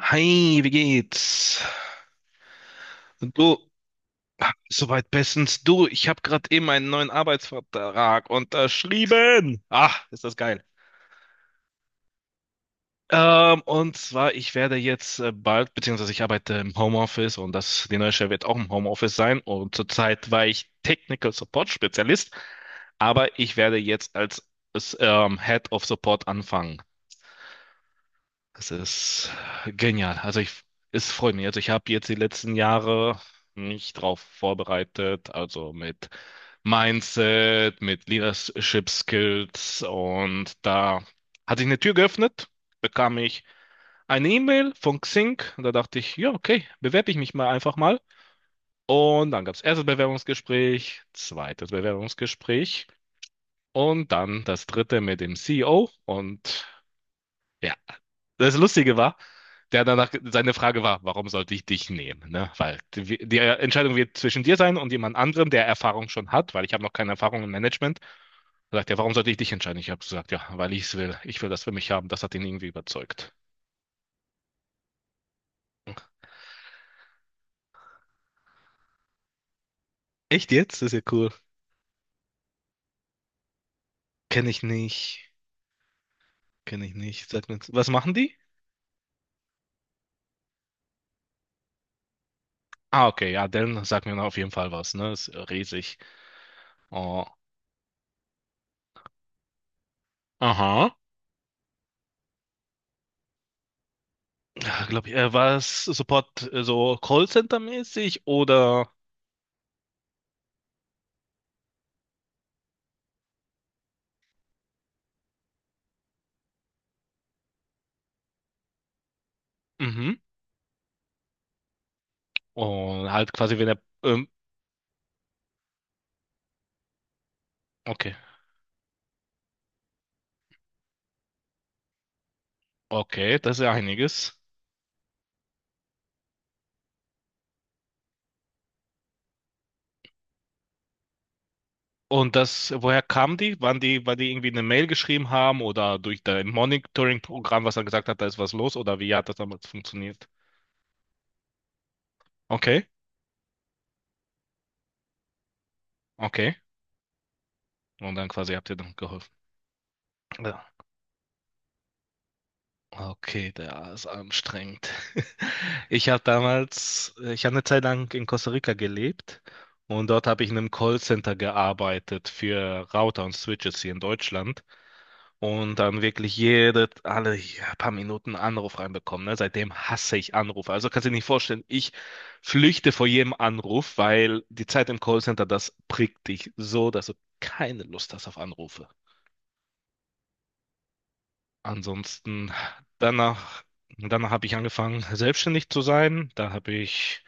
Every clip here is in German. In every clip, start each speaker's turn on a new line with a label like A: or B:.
A: Hi, wie geht's? Du, soweit bestens. Du, ich habe gerade eben einen neuen Arbeitsvertrag unterschrieben. Ah, ist das geil. Und zwar, ich werde jetzt bald, beziehungsweise ich arbeite im Homeoffice und das, die neue Stelle wird auch im Homeoffice sein. Und zurzeit war ich Technical Support Spezialist, aber ich werde jetzt als, als Head of Support anfangen. Das ist genial. Also ich, es freut mich. Also ich habe jetzt die letzten Jahre mich drauf vorbereitet, also mit Mindset, mit Leadership Skills und da hat sich eine Tür geöffnet, bekam ich eine E-Mail von Xing und da dachte ich, ja, okay, bewerbe ich mich mal einfach mal. Und dann gab es erstes Bewerbungsgespräch, zweites Bewerbungsgespräch und dann das dritte mit dem CEO und ja, das Lustige war, der danach seine Frage war, warum sollte ich dich nehmen? Ne? Weil die, die Entscheidung wird zwischen dir sein und jemand anderem, der Erfahrung schon hat, weil ich habe noch keine Erfahrung im Management. Da sagt er, warum sollte ich dich entscheiden? Ich habe gesagt, ja, weil ich es will. Ich will das für mich haben. Das hat ihn irgendwie überzeugt. Echt jetzt? Das ist ja cool. Kenne ich nicht. Kenne ich nicht. Sag mir, was machen die? Ah, okay, ja, dann sagt mir auf jeden Fall was, ne? Ist riesig. Oh. Aha. Glaube ich, war es Support so Callcenter-mäßig oder? Mhm. Und halt quasi, wenn er. Ähm, okay. Okay, das ist ja einiges. Und das, woher kamen die? Waren die, weil die irgendwie eine Mail geschrieben haben oder durch dein Monitoring-Programm, was er gesagt hat, da ist was los? Oder wie hat das damals funktioniert? Okay, okay. Und dann quasi habt ihr dann geholfen. Ja. Okay, der ist anstrengend. Ich habe damals, ich habe eine Zeit lang in Costa Rica gelebt und dort habe ich in einem Callcenter gearbeitet für Router und Switches hier in Deutschland und dann wirklich jede, alle ja, paar Minuten einen Anruf reinbekommen. Ne? Seitdem hasse ich Anrufe. Also kannst du dir nicht vorstellen, ich flüchte vor jedem Anruf, weil die Zeit im Callcenter, das prickt dich so, dass du keine Lust hast auf Anrufe. Ansonsten, danach, danach habe ich angefangen, selbstständig zu sein. Da habe ich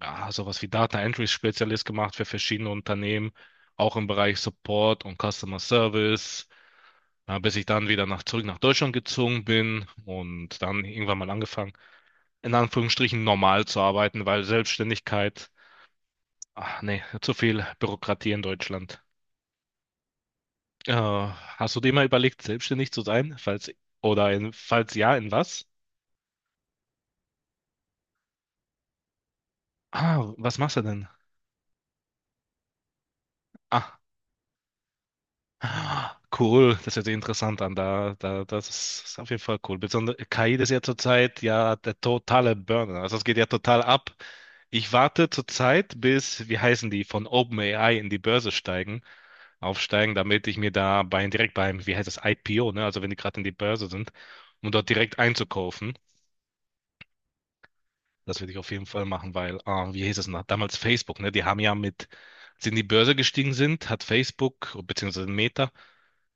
A: ja, sowas wie Data Entry Spezialist gemacht für verschiedene Unternehmen, auch im Bereich Support und Customer Service, ja, bis ich dann wieder nach, zurück nach Deutschland gezogen bin und dann irgendwann mal angefangen, in Anführungsstrichen normal zu arbeiten, weil Selbstständigkeit, ach nee, zu viel Bürokratie in Deutschland. Hast du dir mal überlegt, selbstständig zu sein? Falls, oder in, falls ja, in was? Ah, was machst du denn? Ah, cool, das hört sich interessant an. Da, da, das ist auf jeden Fall cool. Besonders KI ist ja zurzeit ja der totale Burner. Also es geht ja total ab. Ich warte zurzeit, bis, wie heißen die, von OpenAI in die Börse steigen, aufsteigen, damit ich mir da bei, direkt beim, wie heißt das, IPO, ne? Also wenn die gerade in die Börse sind, um dort direkt einzukaufen. Das würde ich auf jeden Fall machen, weil, ah, wie hieß es noch? Damals Facebook, ne? Die haben ja mit, als sie in die Börse gestiegen sind, hat Facebook, beziehungsweise Meta,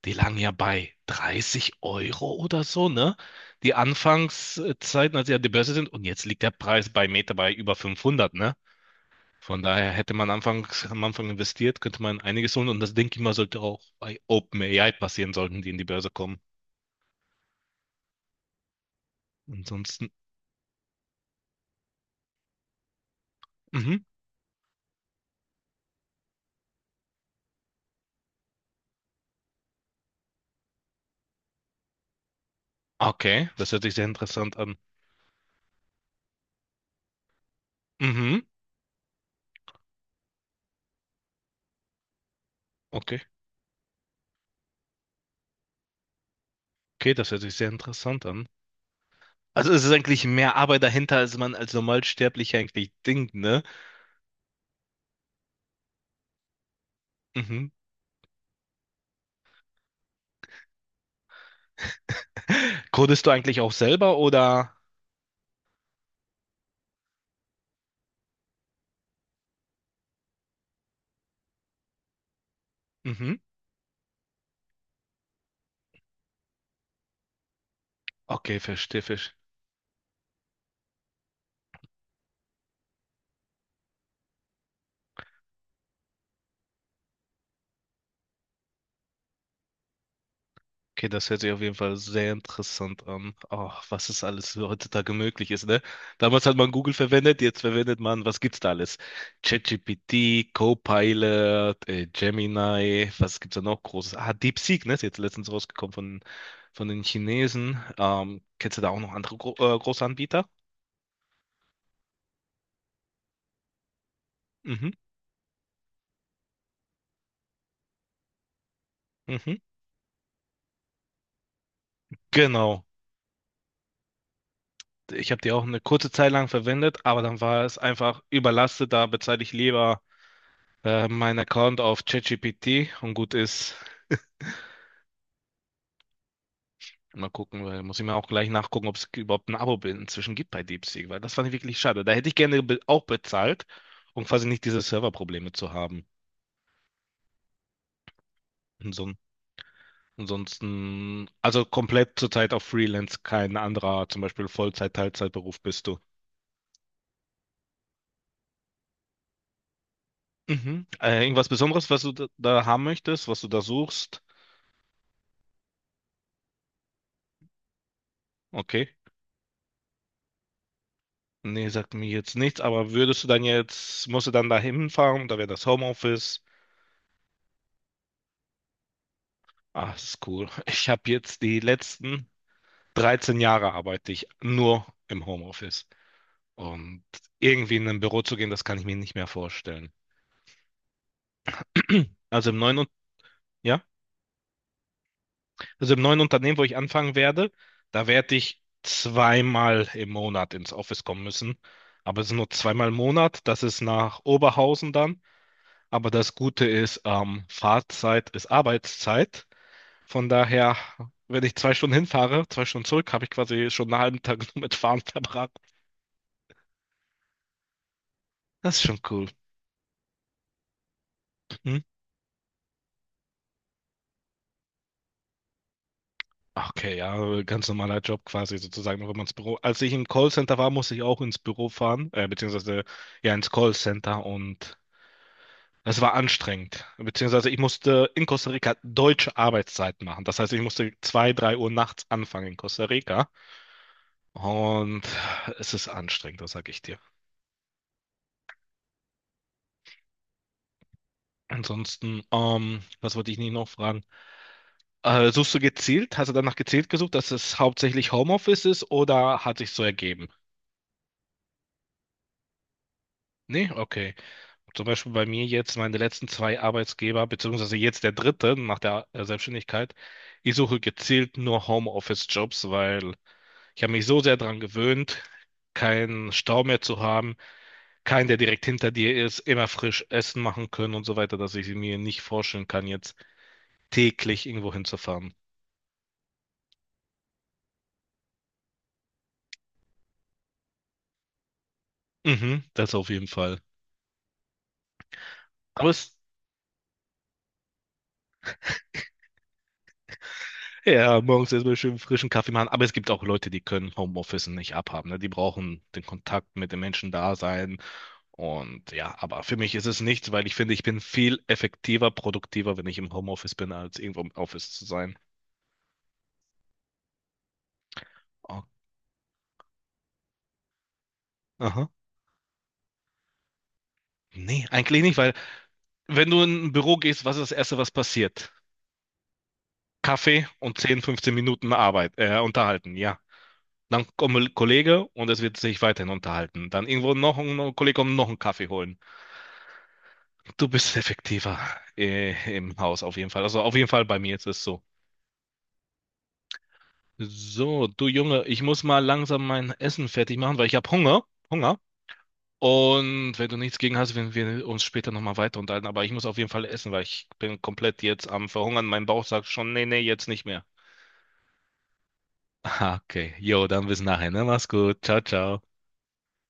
A: die lagen ja bei 30 € oder so, ne? Die Anfangszeiten, als sie an die Börse sind, und jetzt liegt der Preis bei Meta bei über 500, ne? Von daher hätte man anfangs, am Anfang investiert, könnte man einiges holen und das denke ich mal, sollte auch bei OpenAI passieren, sollten die in die Börse kommen. Ansonsten, mhm. Okay, das hört sich sehr interessant an. Mhm, okay. Okay, das hört sich sehr interessant an. Also es ist eigentlich mehr Arbeit dahinter, als man als Normalsterblicher eigentlich denkt, ne? Mhm. Codest du eigentlich auch selber oder? Mhm. Okay, verstehe, verstehe. Okay, das hört sich auf jeden Fall sehr interessant an. Oh, was es alles heutzutage möglich ist, ne? Damals hat man Google verwendet, jetzt verwendet man, was gibt's da alles? ChatGPT, Copilot, Gemini, was gibt's da noch Großes? Ah, DeepSeek, ne? Ist jetzt letztens rausgekommen von den Chinesen. Kennst du da auch noch andere Gro große Anbieter? Mhm, mhm. Genau. Ich habe die auch eine kurze Zeit lang verwendet, aber dann war es einfach überlastet. Da bezahle ich lieber meinen Account auf ChatGPT und gut ist. Mal gucken, weil muss ich mir auch gleich nachgucken, ob es überhaupt ein Abo inzwischen gibt bei DeepSeek, weil das fand ich wirklich schade. Da hätte ich gerne be auch bezahlt, um quasi nicht diese Serverprobleme zu haben. Und son- Ansonsten, also komplett zurzeit auf Freelance, kein anderer, zum Beispiel Vollzeit, Teilzeitberuf bist du. Mhm. Irgendwas Besonderes, was du da, da haben möchtest, was du da suchst? Okay. Nee, sagt mir jetzt nichts, aber würdest du dann jetzt, musst du dann da hinfahren, da wäre das Homeoffice. Ah, das ist cool. Ich habe jetzt die letzten. 13 Jahre arbeite ich nur im Homeoffice. Und irgendwie in ein Büro zu gehen, das kann ich mir nicht mehr vorstellen. Also im neuen, Un- ja, also im neuen Unternehmen, wo ich anfangen werde, da werde ich zweimal im Monat ins Office kommen müssen. Aber es sind nur zweimal im Monat. Das ist nach Oberhausen dann. Aber das Gute ist, Fahrzeit ist Arbeitszeit. Von daher, wenn ich zwei Stunden hinfahre, zwei Stunden zurück, habe ich quasi schon einen halben Tag nur mit Fahren verbracht. Das ist schon cool. Hm. Okay, ja, ganz normaler Job quasi sozusagen, noch immer ins Büro. Als ich im Callcenter war, musste ich auch ins Büro fahren, beziehungsweise ja ins Callcenter und es war anstrengend. Beziehungsweise ich musste in Costa Rica deutsche Arbeitszeit machen. Das heißt, ich musste zwei, drei Uhr nachts anfangen in Costa Rica und es ist anstrengend, das sag ich dir. Ansonsten, was wollte ich nicht noch fragen? Suchst du gezielt? Hast du danach gezielt gesucht, dass es hauptsächlich Homeoffice ist oder hat sich so ergeben? Nee, okay. Zum Beispiel bei mir jetzt, meine letzten zwei Arbeitsgeber, beziehungsweise jetzt der dritte nach der Selbstständigkeit. Ich suche gezielt nur Homeoffice-Jobs, weil ich habe mich so sehr daran gewöhnt, keinen Stau mehr zu haben, keinen, der direkt hinter dir ist, immer frisch Essen machen können und so weiter, dass ich mir nicht vorstellen kann, jetzt täglich irgendwo hinzufahren. Mhm, das auf jeden Fall. Aber es, ja, morgens erstmal schön frischen Kaffee machen. Aber es gibt auch Leute, die können Homeoffice nicht abhaben. Ne? Die brauchen den Kontakt mit den Menschen da sein. Und ja, aber für mich ist es nichts, weil ich finde, ich bin viel effektiver, produktiver, wenn ich im Homeoffice bin, als irgendwo im Office zu sein. Oh, aha. Nee, eigentlich nicht, weil wenn du in ein Büro gehst, was ist das Erste, was passiert? Kaffee und 10, 15 Minuten Arbeit, unterhalten, ja. Dann kommt ein Kollege und es wird sich weiterhin unterhalten. Dann irgendwo noch ein Kollege kommt, noch einen Kaffee holen. Du bist effektiver im Haus auf jeden Fall. Also auf jeden Fall bei mir ist es so. So, du Junge, ich muss mal langsam mein Essen fertig machen, weil ich habe Hunger. Hunger. Und wenn du nichts gegen hast, werden wir uns später nochmal weiter unterhalten. Aber ich muss auf jeden Fall essen, weil ich bin komplett jetzt am Verhungern. Mein Bauch sagt schon, nee, nee, jetzt nicht mehr. Okay, jo, dann bis nachher, ne? Mach's gut. Ciao, ciao.